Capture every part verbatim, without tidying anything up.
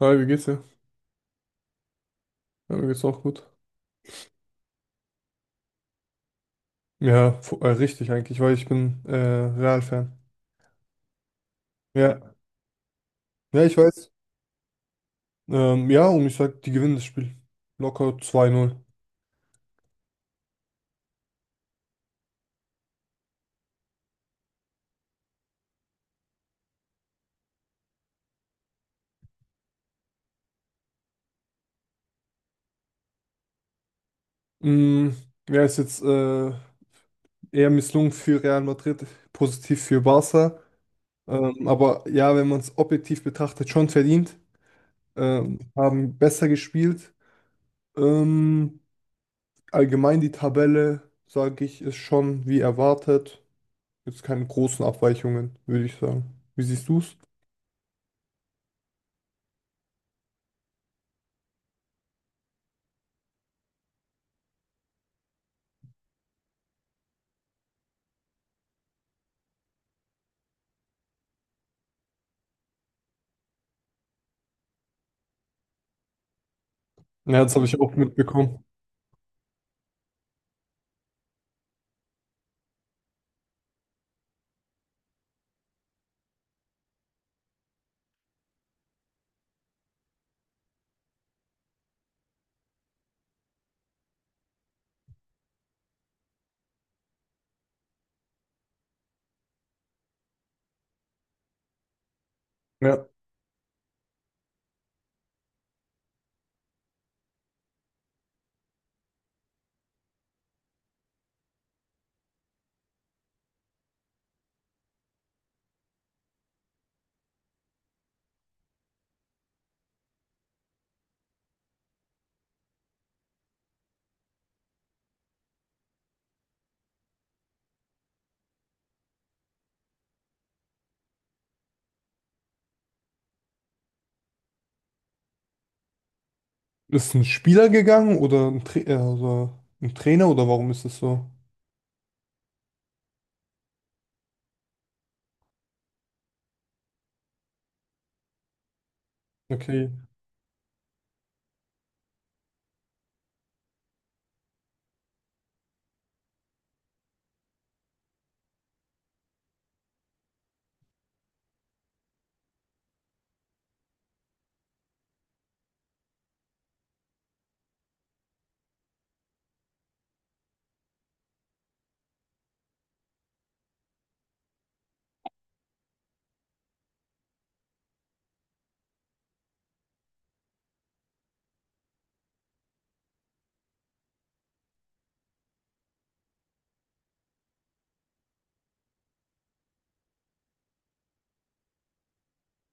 Hi, wie geht's dir? Ja, mir geht's auch gut. Ja, fu- äh, richtig eigentlich, weil ich bin äh, Real-Fan. Ja, ja, ich weiß. Ähm, ja, und ich sag, die gewinnen das Spiel. Locker zwei null. Mm, ja, ist jetzt äh, eher misslungen für Real Madrid, positiv für Barca. Ähm, aber ja, wenn man es objektiv betrachtet, schon verdient. Ähm, haben besser gespielt. Ähm, allgemein die Tabelle, sage ich, ist schon wie erwartet. Gibt es keine großen Abweichungen, würde ich sagen. Wie siehst du es? Ja, das habe ich also auch mitbekommen. Ja. Ist ein Spieler gegangen oder ein, Tra äh, also ein Trainer, oder warum ist es so? Okay.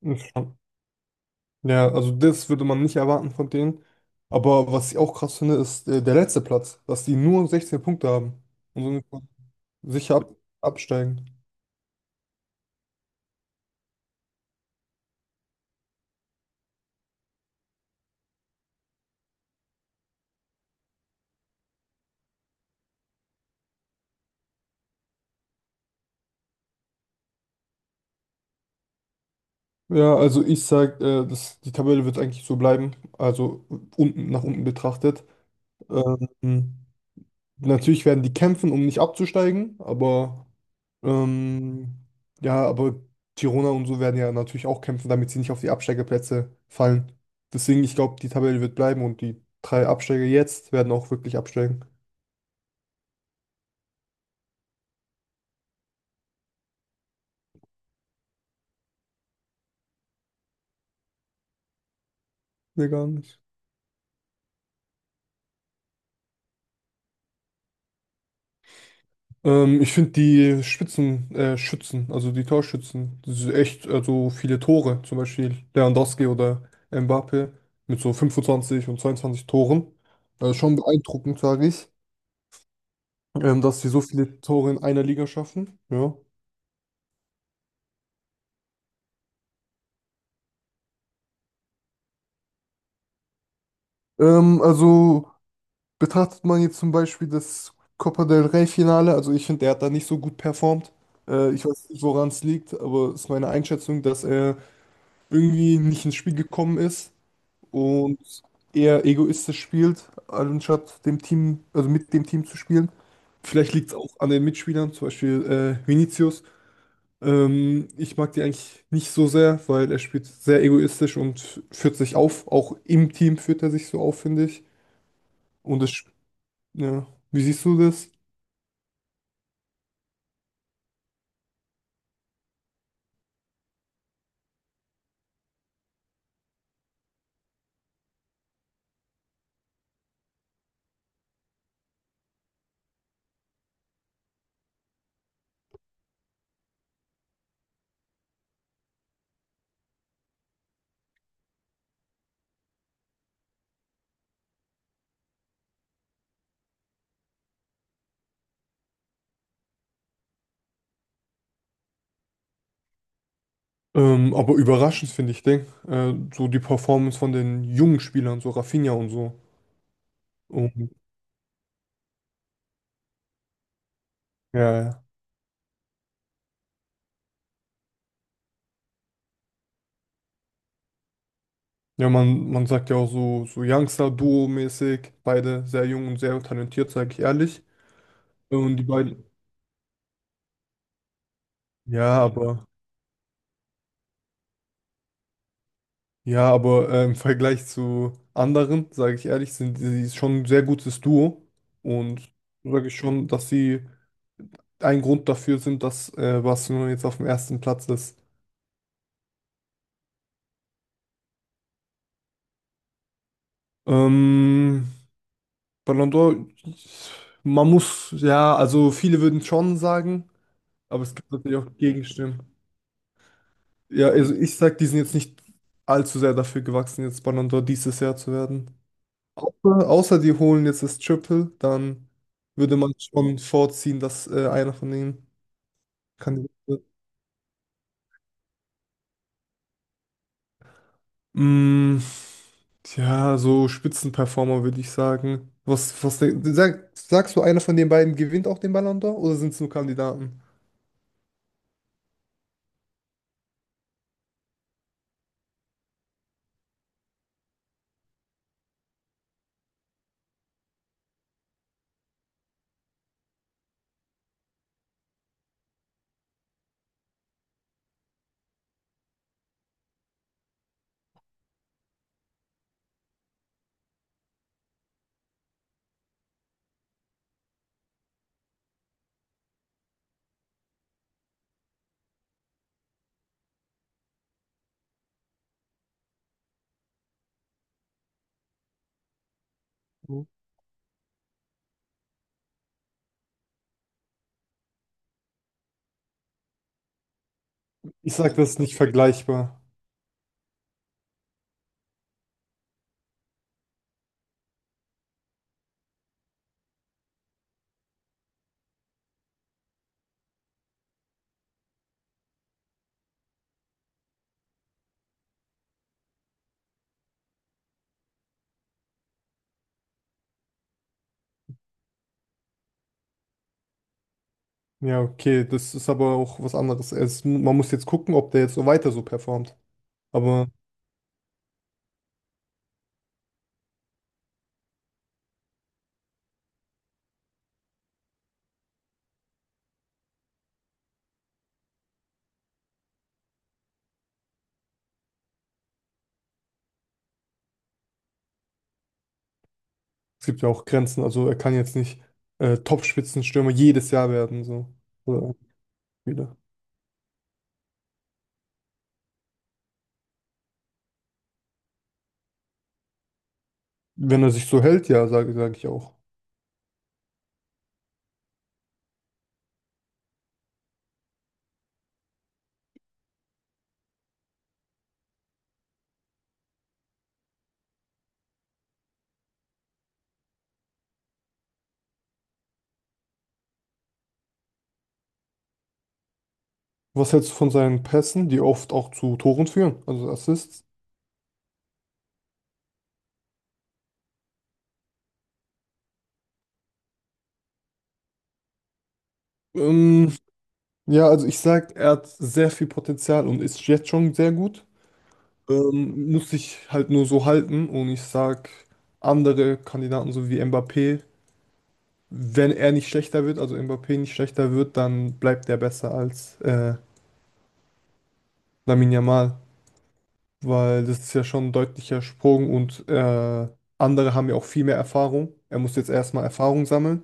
Ist schon- Ja, also das würde man nicht erwarten von denen. Aber was ich auch krass finde, ist äh, der letzte Platz, dass die nur sechzehn Punkte haben und somit sicher ab absteigen. Ja, also ich sag, äh, das, die Tabelle wird eigentlich so bleiben. Also unten nach unten betrachtet. Ähm, Natürlich werden die kämpfen, um nicht abzusteigen, aber ähm, ja, aber Girona und so werden ja natürlich auch kämpfen, damit sie nicht auf die Absteigerplätze fallen. Deswegen, ich glaube, die Tabelle wird bleiben und die drei Absteiger jetzt werden auch wirklich absteigen. Nee, gar nicht. Ähm, ich finde die Spitzen, äh, Schützen, also die Torschützen, das ist echt, also viele Tore, zum Beispiel Lewandowski oder Mbappé mit so fünfundzwanzig und zweiundzwanzig Toren. Das ist schon beeindruckend, sage ich. Ähm, dass sie so viele Tore in einer Liga schaffen. Ja. Ähm, also betrachtet man jetzt zum Beispiel das Copa del Rey-Finale, also ich finde, der hat da nicht so gut performt. Äh, ich weiß nicht, woran es liegt, aber es ist meine Einschätzung, dass er irgendwie nicht ins Spiel gekommen ist und eher egoistisch spielt, anstatt dem Team, also mit dem Team zu spielen. Vielleicht liegt es auch an den Mitspielern, zum Beispiel äh, Vinicius. Ähm, ich mag die eigentlich nicht so sehr, weil er spielt sehr egoistisch und führt sich auf. Auch im Team führt er sich so auf, finde ich. Und das, sp- ja, wie siehst du das? Ähm, aber überraschend finde ich Ding. Äh, so die Performance von den jungen Spielern, so Rafinha und so. Und, ja, ja, ja, man, man sagt ja auch so, so Youngster-Duo-mäßig. Beide sehr jung und sehr talentiert, sage ich ehrlich. Und die beiden, ja, aber. Ja, aber äh, im Vergleich zu anderen, sage ich ehrlich, sind sie schon ein sehr gutes Duo. Und sage ich schon, dass sie ein Grund dafür sind, dass äh, Barcelona jetzt auf dem ersten Platz ist. Ähm, Ballon d'Or, man muss, ja, also viele würden schon sagen, aber es gibt natürlich auch Gegenstimmen. Ja, also ich sag, die sind jetzt nicht allzu sehr dafür gewachsen, jetzt Ballon d'Or dieses Jahr zu werden. Gruppe, außer die holen jetzt das Triple, dann würde man schon vorziehen, dass äh, einer von denen Kandidat wird. Mm, ja, so Spitzenperformer würde ich sagen. Was, was denk- sag, sagst du, einer von den beiden gewinnt auch den Ballon d'Or, oder sind es nur Kandidaten? Ich sag, das ist nicht vergleichbar. Ja, okay, das ist aber auch was anderes. Es, man muss jetzt gucken, ob der jetzt so weiter so performt. Aber es gibt ja auch Grenzen. Also er kann jetzt nicht äh, Top-Spitzenstürmer jedes Jahr werden. So. Oder wieder. Wenn er sich so hält, ja, sage sag ich auch. Was hältst du von seinen Pässen, die oft auch zu Toren führen, also Assists? Ähm, ja, also ich sag, er hat sehr viel Potenzial und ist jetzt schon sehr gut. Ähm, muss sich halt nur so halten und ich sag, andere Kandidaten, so wie Mbappé, wenn er nicht schlechter wird, also Mbappé nicht schlechter wird, dann bleibt er besser als äh, Lamine Yamal, weil das ist ja schon ein deutlicher Sprung und äh, andere haben ja auch viel mehr Erfahrung. Er muss jetzt erstmal Erfahrung sammeln.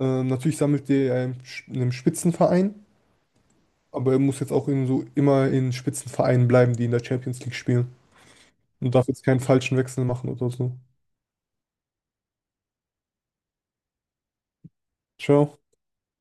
Ähm, natürlich sammelt er ja in einem Spitzenverein, aber er muss jetzt auch in so immer in Spitzenvereinen bleiben, die in der Champions League spielen. Und darf jetzt keinen falschen Wechsel machen oder so. Ciao.